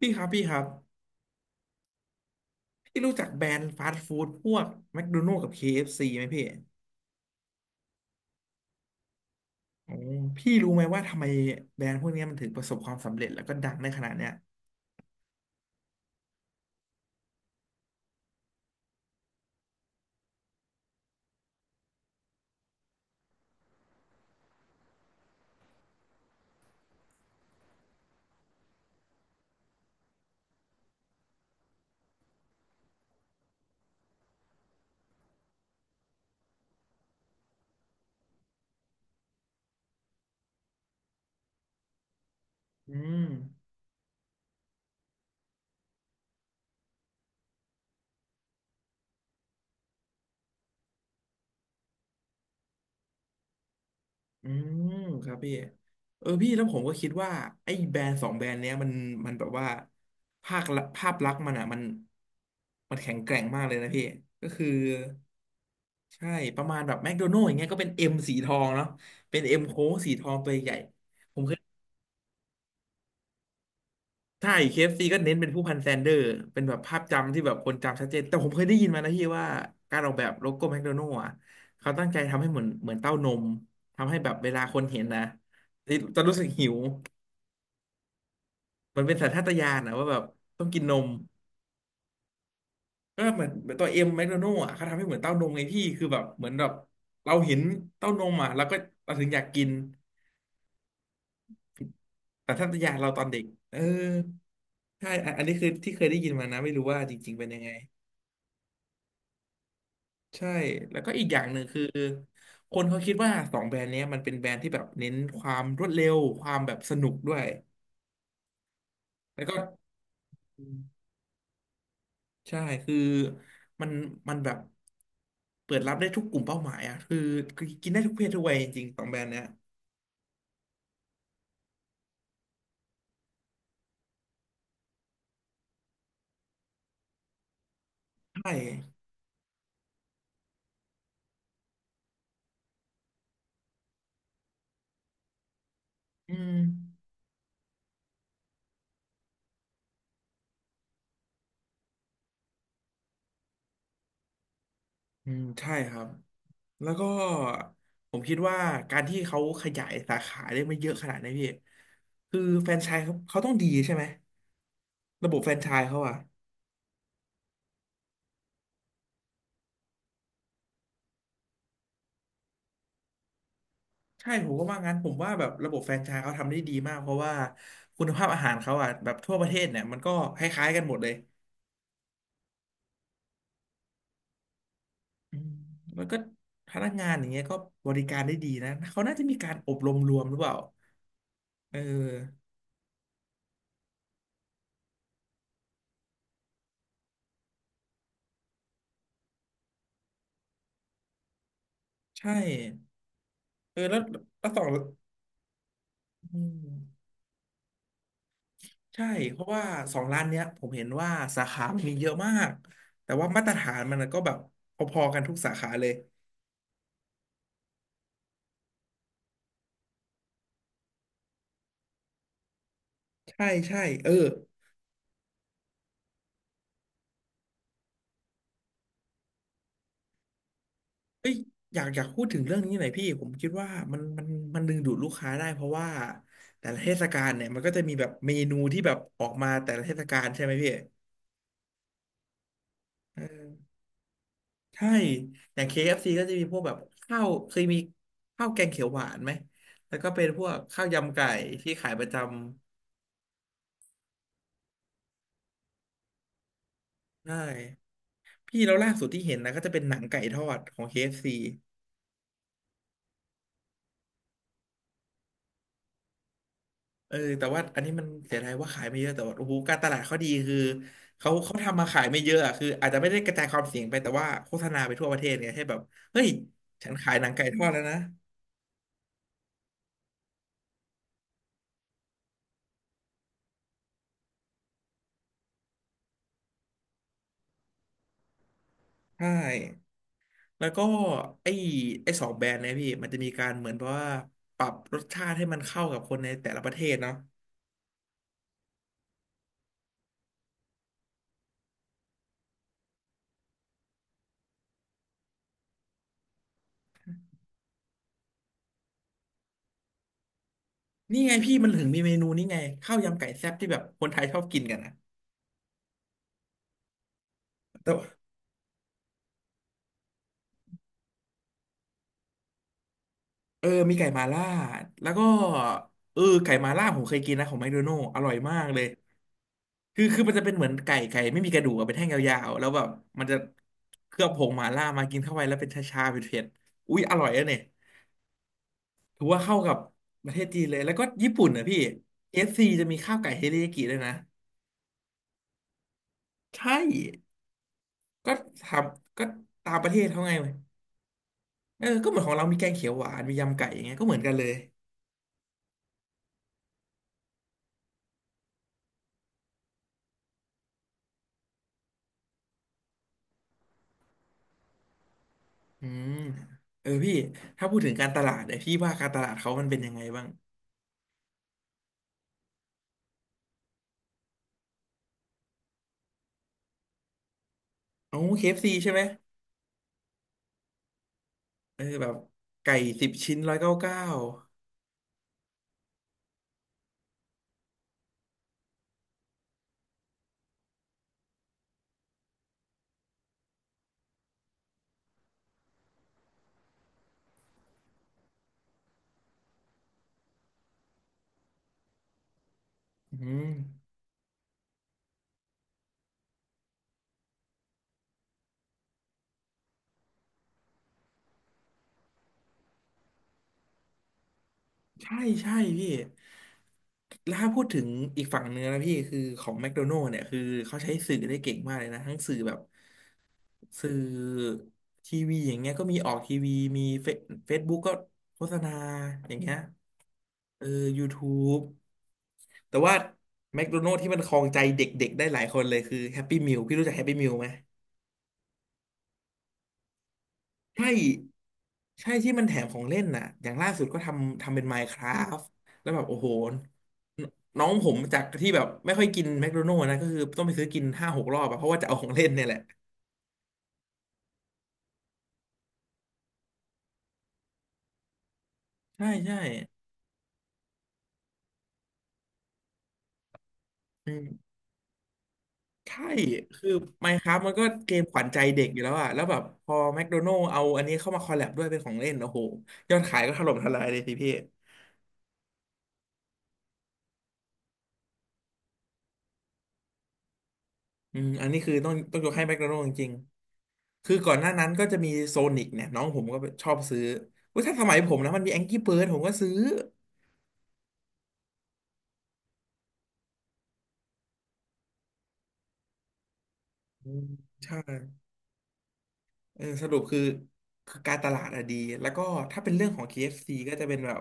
พี่ครับพี่ครับพี่รู้จักแบรนด์ฟาสต์ฟู้ดพวกแมคโดนัลด์กับ KFC ไหมพี่อ๋อพี่รู้ไหมว่าทำไมแบรนด์พวกเนี้ยมันถึงประสบความสำเร็จแล้วก็ดังได้ขนาดเนี้ยอืมอืมครับพี่เออพี่แล้วผมก็คิดว่าไอ้แบรนด์สองแบรนด์เนี้ยมันแบบว่าภาคละภาพลักษณ์มันอ่ะมันแข็งแกร่งมากเลยนะพี่ก็คือใช่ประมาณแบบแมคโดนัลด์อย่างเงี้ยก็เป็นเอ็มสีทองเนาะเป็นเอ็มโค้งสีทองตัวใหญ่ผมเคย ใช่เคเอฟซีก็เน้นเป็นผู้พันแซนเดอร์เป็นแบบภาพจำที่แบบคนจำชัดเจนแต่ผมเคยได้ยินมานะพี่ว่าการออกแบบโลโก้แมคโดนัลด์อะเขาตั้งใจทำให้เหมือนเต้านมทำให้แบบเวลาคนเห็นนะจะรู้สึกหิวมันเป็นสัญชาตญาณนะว่าแบบต้องกินนมก็เหมือนตัวเอ็มแมคโดนัลด์อะเขาทำให้เหมือนเต้านมไงพี่คือแบบเหมือนแบบเราเห็นเต้านมอะแล้วก็เราถึงอยากกินแต่ทชาตญาเราตอนเด็กเออใช่อันนี้คือที่เคยได้ยินมานะไม่รู้ว่าจริงๆเป็นยังไง ใช่แล้วก็อีกอย่างหนึ่งคือคนเขาคิดว่าสองแบรนด์เนี้ยมันเป็นแบรนด์ที่แบบเน้นความรวดเร็วความแบบสนุกด้วยแล้วก็อืมใช่คือมันมันแบบเปิดรับได้ทุกกลุ่มเป้าหมายอ่ะคือกินได้ทุกเพศทุกวัยจริงๆสองแบรนด์เนี้ยใช่อืมอืมใช่ครับแล้วก็ผมคิดว่าการที่เขาขยายสาขาได้ไม่เยอะขนาดนี้พี่คือแฟรนไชส์เขาต้องดีใช่ไหมระบบแฟรนไชส์เขาอะ ใช่ผมก็ว่างั้นผมว่าแบบระบบแฟรนไชส์เขาทำได้ดีมากเพราะว่าคุณภาพอาหารเขาอ่ะแบบทั่วประเทศเนี่ยมันก็คล้ายๆกันหมดเลยอืมันก็พนักงานอย่างเงี้ยก็บริการได้ดีนะเขาน่าจะมีการอบรมรวมหรือเปล่าเออใช่เออแล้วแล้วสองอืมใช่เพราะว่าสองร้านเนี้ยผมเห็นว่าสาขามันมีเยอะมากแต่ว่ามาตรฐานมันก็แบบพอๆกันทุกสาขาเลยใช่ใช่เออ เอ้ยอยากพูดถึงเรื่องนี้หน่อยพี่ผมคิดว่ามันมันมันดึงดูดลูกค้าได้เพราะว่าแต่ละเทศกาลเนี่ยมันก็จะมีแบบเมนูที่แบบออกมาแต่ละเทศกาลใช่ไหมพี่เออใช่อย่าง k ซ c ก็จะมีพวกแบบข้าวเคยมีข้าวแกงเขียวหวานไหมแล้วก็เป็นพวกข้าวยำไก่ที่ขายประจำใช่พี่แล้วล่าสุดที่เห็นนะก็จะเป็นหนังไก่ทอดของ KFC เออแต่ว่าอันนี้มันเสียดายว่าขายไม่เยอะแต่ว่าโอ้โหการตลาดเขาดีคือเขาทำมาขายไม่เยอะอะคืออาจจะไม่ได้กระจายความเสี่ยงไปแต่ว่าโฆษณาไปทั่วประเทศไงให้แบบเฮ้ยฉันขายหนังไก่ทอดแล้วนะใช่แล้วก็ไอ้ไอ้สองแบรนด์เนยพี่มันจะมีการเหมือนแบบว่าปรับรสชาติให้มันเข้ากับคนในแต่ละประเทศเนาะนี่ไงพี่มันถึงมีเมนูนี่ไงข้าวยำไก่แซ่บที่แบบคนไทยชอบกินกันนะแต่ เออมีไก่มาล่าแล้วก็เออไก่มาล่าผมเคยกินนะของแมคโดนัลด์อร่อยมากเลย คือมันจะเป็นเหมือนไก่ ไม่มีกระดูกอะเป็นแท่งยาวๆแล้วแบบมันจะเคลือบผงหมาล่ามากินเข้าไปแล้วเป็นชาๆเผ็ดๆอุ๊ยอร่อยอะเนี่ยถือว่าเข้ากับประเทศจีนเลย แล้วก็ญี่ปุ่นนะพี่ KFC จะมีข้าวไก่เทริยากิด้วยนะใช่ก็ทำก็ตามประเทศเขาไงเออก็เหมือนของเรามีแกงเขียวหวานมียำไก่อย่างเงี้ยก็เหมือนกันเลย อืมเออพี่ถ้าพูดถึงการตลาดเนี่ยพี่ว่าการตลาดเขามันเป็นยังไงบ้างโอ้เคเอฟซีใช่ไหมเออแบบไก่10 ชิ้น 199อืม ใช่ใช่พี่ แล้วถ้าพูดถึงอีกฝั่งเนื้อนะพี่คือของแมคโดนัล s เนี่ยคือเขาใช้สื่อได้เก่งมากเลยนะทั้งสื่อแบบสื่อทีวีอย่างเงี้ยก็มีออกทีวีมีเฟซบุ๊กก็โฆษณาอย่างเงี้ยเออ YouTube แต่ว่าแมคโดนัล s ที่มันครองใจเด็กๆได้หลายคนเลยคือแฮปปี้มิ l พี่รู้จักแฮปปี้มิ l ไหม ใช่ใช่ที่มันแถมของเล่นน่ะอย่างล่าสุดก็ทำเป็น Minecraft แล้วแบบโอ้โหนน้องผมจากที่แบบไม่ค่อยกินแมคโดนัลด์นะก็คือต้องไปซื้อกินห้าหกรอบอะเพราะว่าจะเอาของเล่นเนี่ยแหละใช่ใช่อืมใช่คือ Minecraft มันก็เกมขวัญใจเด็กอยู่แล้วอะแล้วแบบพอแมคโดนัลด์เอาอันนี้เข้ามาคอลแลบด้วยเป็นของเล่นโอ้โหยอดขายก็ถล่มทลายเลยสิพี่อืมอันนี้คือต้องยกให้แมคโดนัลด์จริง คือก่อนหน้านั้นก็จะมีโซนิกเนี่ยน้องผมก็ชอบซื้อว่าถ้าสมัยผมนะมันมีแองกี้เบิร์ดผมก็ซื้ออืมใช่เออสรุปคือคือการตลาดอะดีแล้วก็ถ้าเป็นเรื่องของเคเอฟซีก็จะเป็นแบบ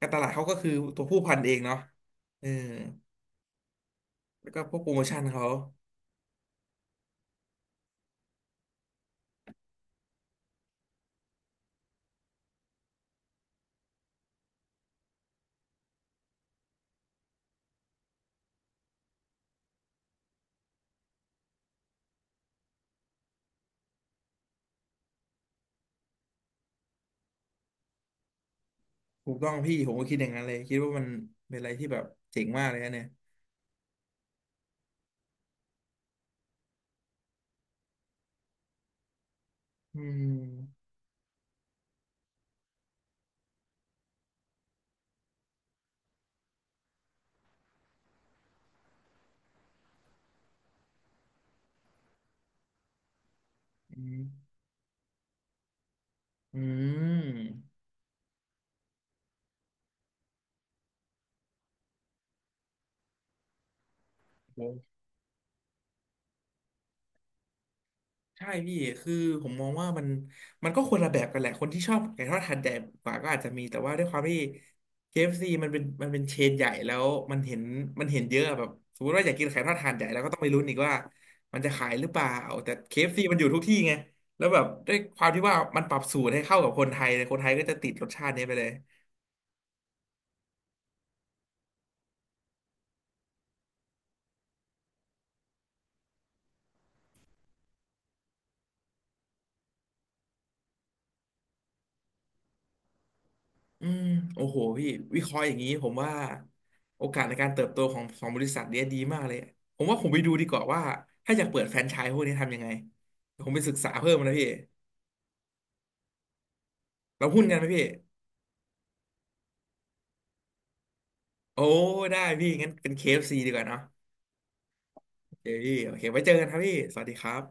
การตลาดเขาก็คือตัวผู้พันเองเนาะเออแล้วก็พวกโปรโมชั่นเขาถูกต้องพี่ผมก็คิดอย่างนั้นเลยคิดว่ามันเป็นอะไรที่แบบเจ๋งมากเลยนะเนี่ยอืมอืมอืมโห ใช่พี่คือผมมองว่ามันก็คนละแบบกันแหละคนที่ชอบไก่ทอดหาดใหญ่กว่าก็อาจจะมีแต่ว่าด้วยความที่ KFC มันเป็นเชนใหญ่แล้วมันเห็นมันเห็นเยอะแบบสมมติว่าอยากกินไก่ทอดหาดใหญ่แล้วก็ต้องไปลุ้นอีกว่ามันจะขายหรือเปล่าแต่เคเอฟซีมันอยู่ทุกที่ไงแล้วแบบด้วยความที่ว่ามันปรับสูตรให้เข้ากับคนไทยเลยคนไทยก็จะติดรสชาตินี้ไปเลย อืมโอ้โหพี่วิเคราะห์อย่างนี้ผมว่าโอกาสในการเติบโตของบริษัทเนี้ยดีมากเลยผมว่าผมไปดูดีกว่าว่าถ้าอยากเปิดแฟรนไชส์พวกนี้ทำยังไงผมไปศึกษาเพิ่มนะพี่เราหุ้นกันไหมพี่โอ้ได้พี่งั้นเป็น KFC ดีกว่าเนาะโอเคพี่โอเคไว้เจอกันครับพี่สวัสดีครับ